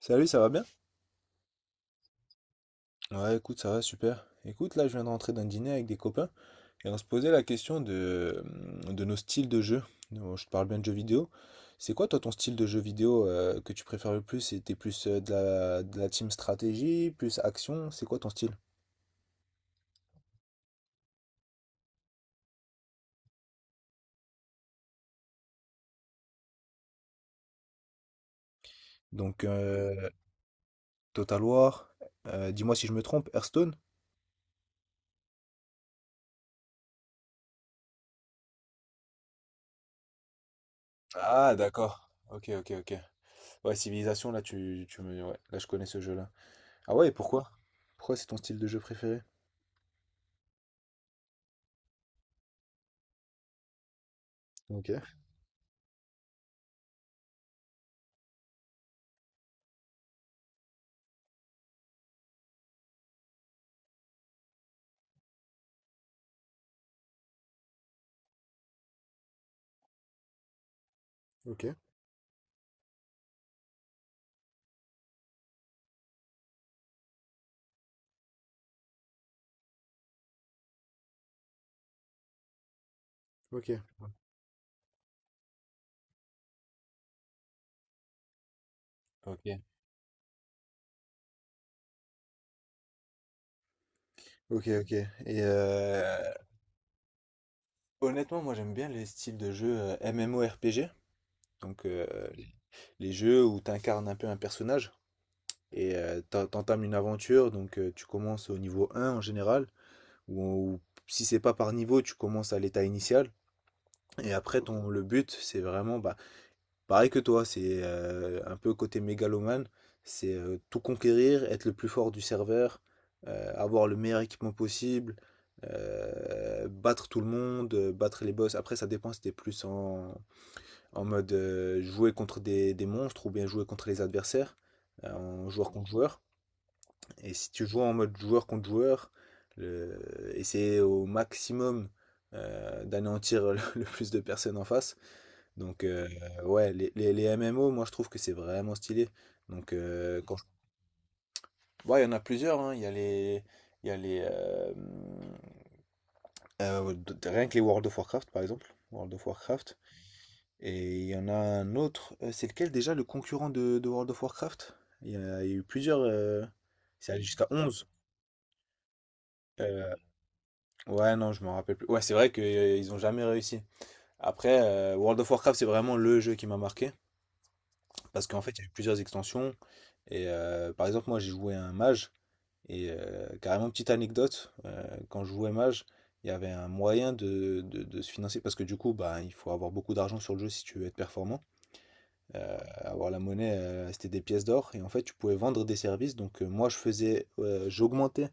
Salut, ça va bien? Ouais, écoute, ça va super. Écoute, là, je viens de rentrer d'un dîner avec des copains et on se posait la question de nos styles de jeu. Donc, je te parle bien de jeux vidéo. C'est quoi, toi, ton style de jeu vidéo que tu préfères le plus? C'était plus de la team stratégie, plus action? C'est quoi ton style? Donc, Total War, dis-moi si je me trompe, Hearthstone? Ah, d'accord. Ok, ok, ok. Ouais, Civilisation, là, tu me... Ouais, là, je connais ce jeu-là. Ah ouais, et pourquoi? Pourquoi c'est ton style de jeu préféré? Ok, ok, ok. Ok. Ok, ok. Et euh, honnêtement, moi j'aime bien les styles de jeux MMORPG, donc les jeux où tu incarnes un peu un personnage et t'entames une aventure, donc tu commences au niveau un en général, ou si c'est pas par niveau, tu commences à l'état initial. Et après, le but, c'est vraiment, bah, pareil que toi, c'est un peu côté mégalomane, c'est tout conquérir, être le plus fort du serveur, avoir le meilleur équipement possible, battre tout le monde, battre les boss. Après, ça dépend si t'es plus en mode jouer contre des monstres ou bien jouer contre les adversaires, en joueur contre joueur. Et si tu joues en mode joueur contre joueur, le- essayer au maximum d'anéantir le plus de personnes en face. Donc, ouais, les MMO, moi je trouve que c'est vraiment stylé. Donc, ouais, il y en a plusieurs, hein. Il y a les ouais, rien que les World of Warcraft, par exemple. World of Warcraft. Et il y en a un autre. C'est lequel déjà le concurrent de World of Warcraft? Il y a eu plusieurs. C'est allé jusqu'à 11. Euh, ouais, non, je me rappelle plus. Ouais, c'est vrai qu'ils ont jamais réussi. Après, World of Warcraft, c'est vraiment le jeu qui m'a marqué. Parce qu'en fait, il y a eu plusieurs extensions. Et par exemple, moi, j'ai joué un mage. Et carrément, petite anecdote, quand je jouais mage, il y avait un moyen de se financer. Parce que du coup, bah, il faut avoir beaucoup d'argent sur le jeu si tu veux être performant. Euh, Avoir la monnaie, c'était des pièces d'or. Et en fait, tu pouvais vendre des services. Donc, moi, j'augmentais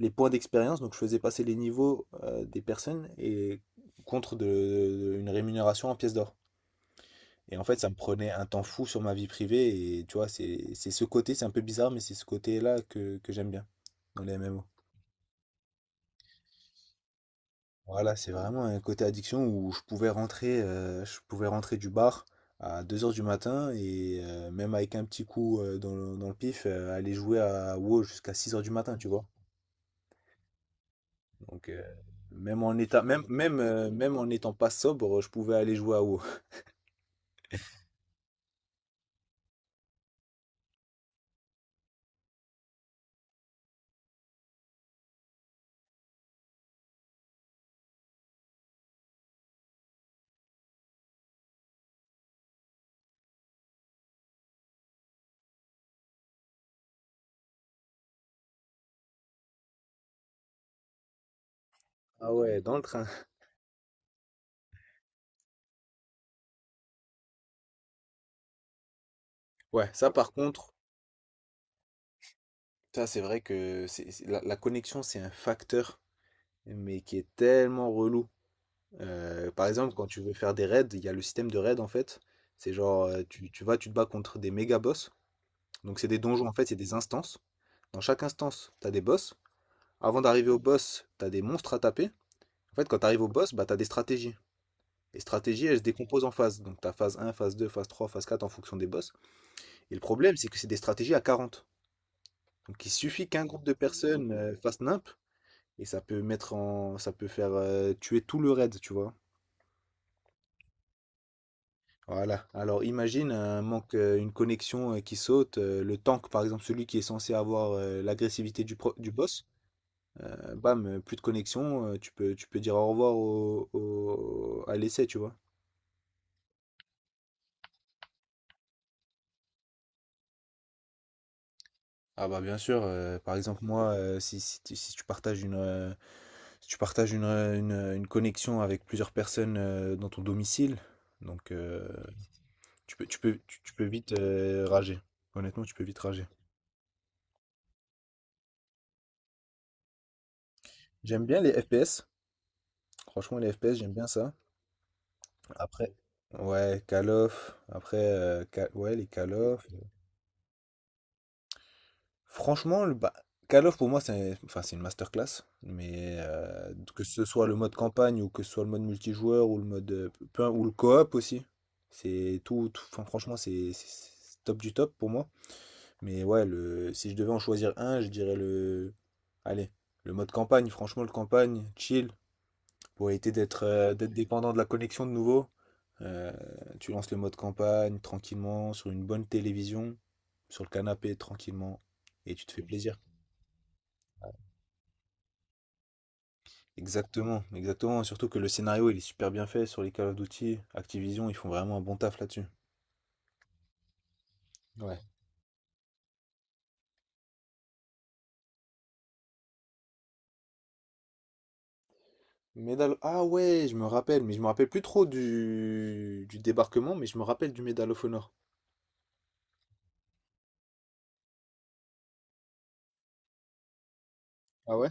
les points d'expérience. Donc, je faisais passer les niveaux des personnes et contre une rémunération en pièces d'or. Et en fait, ça me prenait un temps fou sur ma vie privée. Et tu vois, c'est ce côté, c'est un peu bizarre, mais c'est ce côté-là que j'aime bien dans les MMO. Voilà, c'est vraiment un côté addiction où je pouvais rentrer du bar à 2 heures du matin et même avec un petit coup dans le pif, aller jouer à WoW jusqu'à 6 heures du matin, tu vois. Donc, même en état, même, même, même en n'étant pas sobre, je pouvais aller jouer à WoW. Ah ouais, dans le train. Ouais, ça par contre, ça c'est vrai que la connexion c'est un facteur mais qui est tellement relou. Par exemple, quand tu veux faire des raids, il y a le système de raid en fait. C'est genre, tu te bats contre des méga boss. Donc, c'est des donjons en fait, c'est des instances. Dans chaque instance, t'as des boss. Avant d'arriver au boss, t'as des monstres à taper. En fait, quand t'arrives au boss, bah, t'as des stratégies. Les stratégies, elles se décomposent en phases. Donc, t'as phase un, phase 2, phase 3, phase 4 en fonction des boss. Et le problème, c'est que c'est des stratégies à 40. Donc, il suffit qu'un groupe de personnes fasse nimp et ça peut faire tuer tout le raid, tu vois. Voilà. Alors imagine une connexion qui saute, le tank par exemple, celui qui est censé avoir l'agressivité du boss, bam, plus de connexion, tu peux dire au revoir au, à l'essai, tu vois. Ah bah bien sûr, par exemple moi, si tu partages une connexion avec plusieurs personnes dans ton domicile, donc tu peux vite rager. Honnêtement, tu peux vite rager. J'aime bien les FPS. Franchement, les FPS, j'aime bien ça. Après, ouais, Call of. Après, ouais, les Call of. Franchement, bah, Call of pour moi, c'est enfin, c'est une masterclass. Mais que ce soit le mode campagne ou que ce soit le mode multijoueur ou ou le co-op aussi, c'est enfin, franchement, c'est top du top pour moi. Mais ouais, si je devais en choisir un, je dirais le. Allez, le mode campagne. Franchement, le campagne, chill. Pour éviter d'être dépendant de la connexion de nouveau. Euh, Tu lances le mode campagne tranquillement sur une bonne télévision, sur le canapé tranquillement, et tu te fais plaisir. Exactement, exactement. Surtout que le scénario il est super bien fait sur les Call of Duty, Activision, ils font vraiment un bon taf là-dessus. Ouais. Medal... Ah ouais, je me rappelle, mais je me rappelle plus trop du débarquement, mais je me rappelle du Medal of Honor. Ah ouais?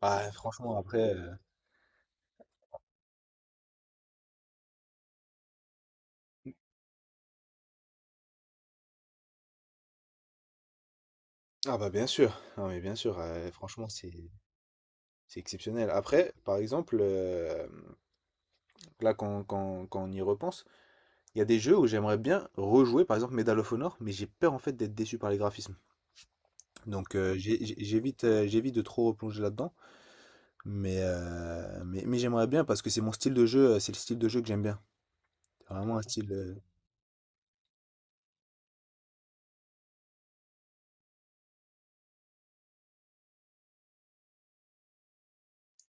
Ah, franchement, après. Ah bah bien sûr, non mais bien sûr, franchement, C'est exceptionnel. Après, par exemple, là, quand on y repense, il y a des jeux où j'aimerais bien rejouer, par exemple Medal of Honor, mais j'ai peur en fait d'être déçu par les graphismes. Donc j'évite de trop replonger là-dedans, mais j'aimerais bien parce que c'est mon style de jeu, c'est le style de jeu que j'aime bien. C'est vraiment un style...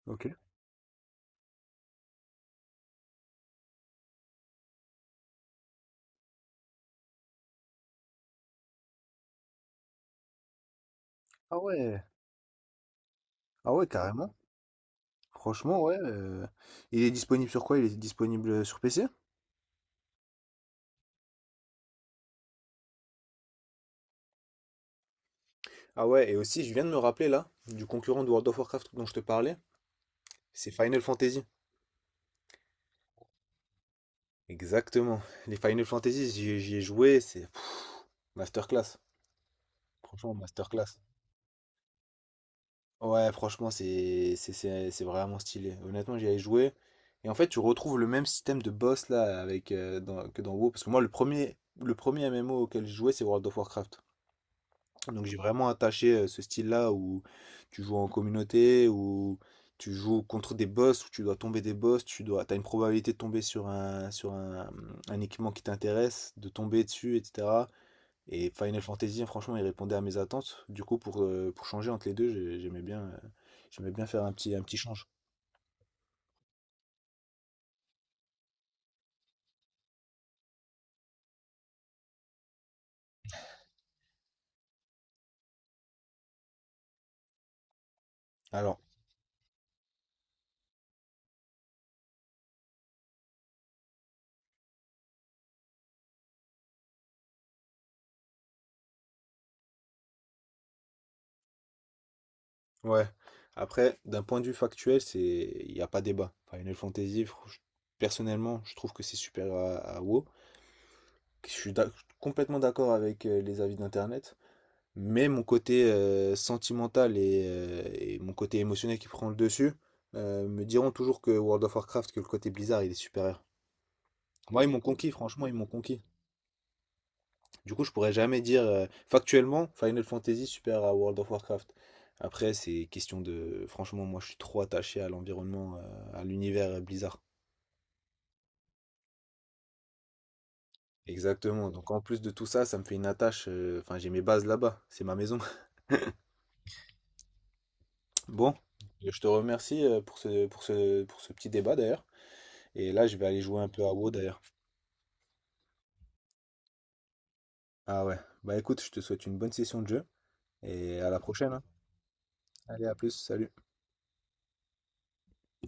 Ok. Ah ouais. Ah ouais, carrément. Franchement, ouais. Il est disponible sur quoi? Il est disponible sur PC? Ah ouais, et aussi, je viens de me rappeler là, du concurrent de World of Warcraft dont je te parlais, c'est Final Fantasy. Exactement. Les Final Fantasy, j'y ai joué, c'est pff, masterclass. Franchement, masterclass. Ouais, franchement, c'est vraiment stylé. Honnêtement, j'y ai joué. Et en fait, tu retrouves le même système de boss là que dans WoW. Parce que moi, le premier MMO auquel j'ai joué, c'est World of Warcraft. Donc j'ai vraiment attaché ce style-là où tu joues en communauté, où tu joues contre des boss, où tu dois tomber des boss, t'as une probabilité de tomber sur un équipement qui t'intéresse, de tomber dessus, etc. Et Final Fantasy, franchement, il répondait à mes attentes. Du coup, pour changer entre les deux, j'aimais bien faire un petit change. Alors, ouais. Après, d'un point de vue factuel, il n'y a pas débat. Final Fantasy, personnellement, je trouve que c'est supérieur à WoW. Je suis complètement d'accord avec les avis d'Internet. Mais mon côté sentimental et mon côté émotionnel qui prend le dessus me diront toujours que World of Warcraft, que le côté Blizzard, il est supérieur. Moi, ils m'ont conquis, franchement, ils m'ont conquis. Du coup, je pourrais jamais dire factuellement Final Fantasy supérieur à World of Warcraft. Après, c'est question de. Franchement, moi, je suis trop attaché à l'environnement, à l'univers Blizzard. Exactement. Donc, en plus de tout ça, ça me fait une attache. Enfin, j'ai mes bases là-bas. C'est ma maison. Bon, je te remercie pour ce petit débat d'ailleurs. Et là, je vais aller jouer un peu à WoW d'ailleurs. Ah ouais. Bah écoute, je te souhaite une bonne session de jeu. Et à la prochaine, hein. Allez, à plus. Salut.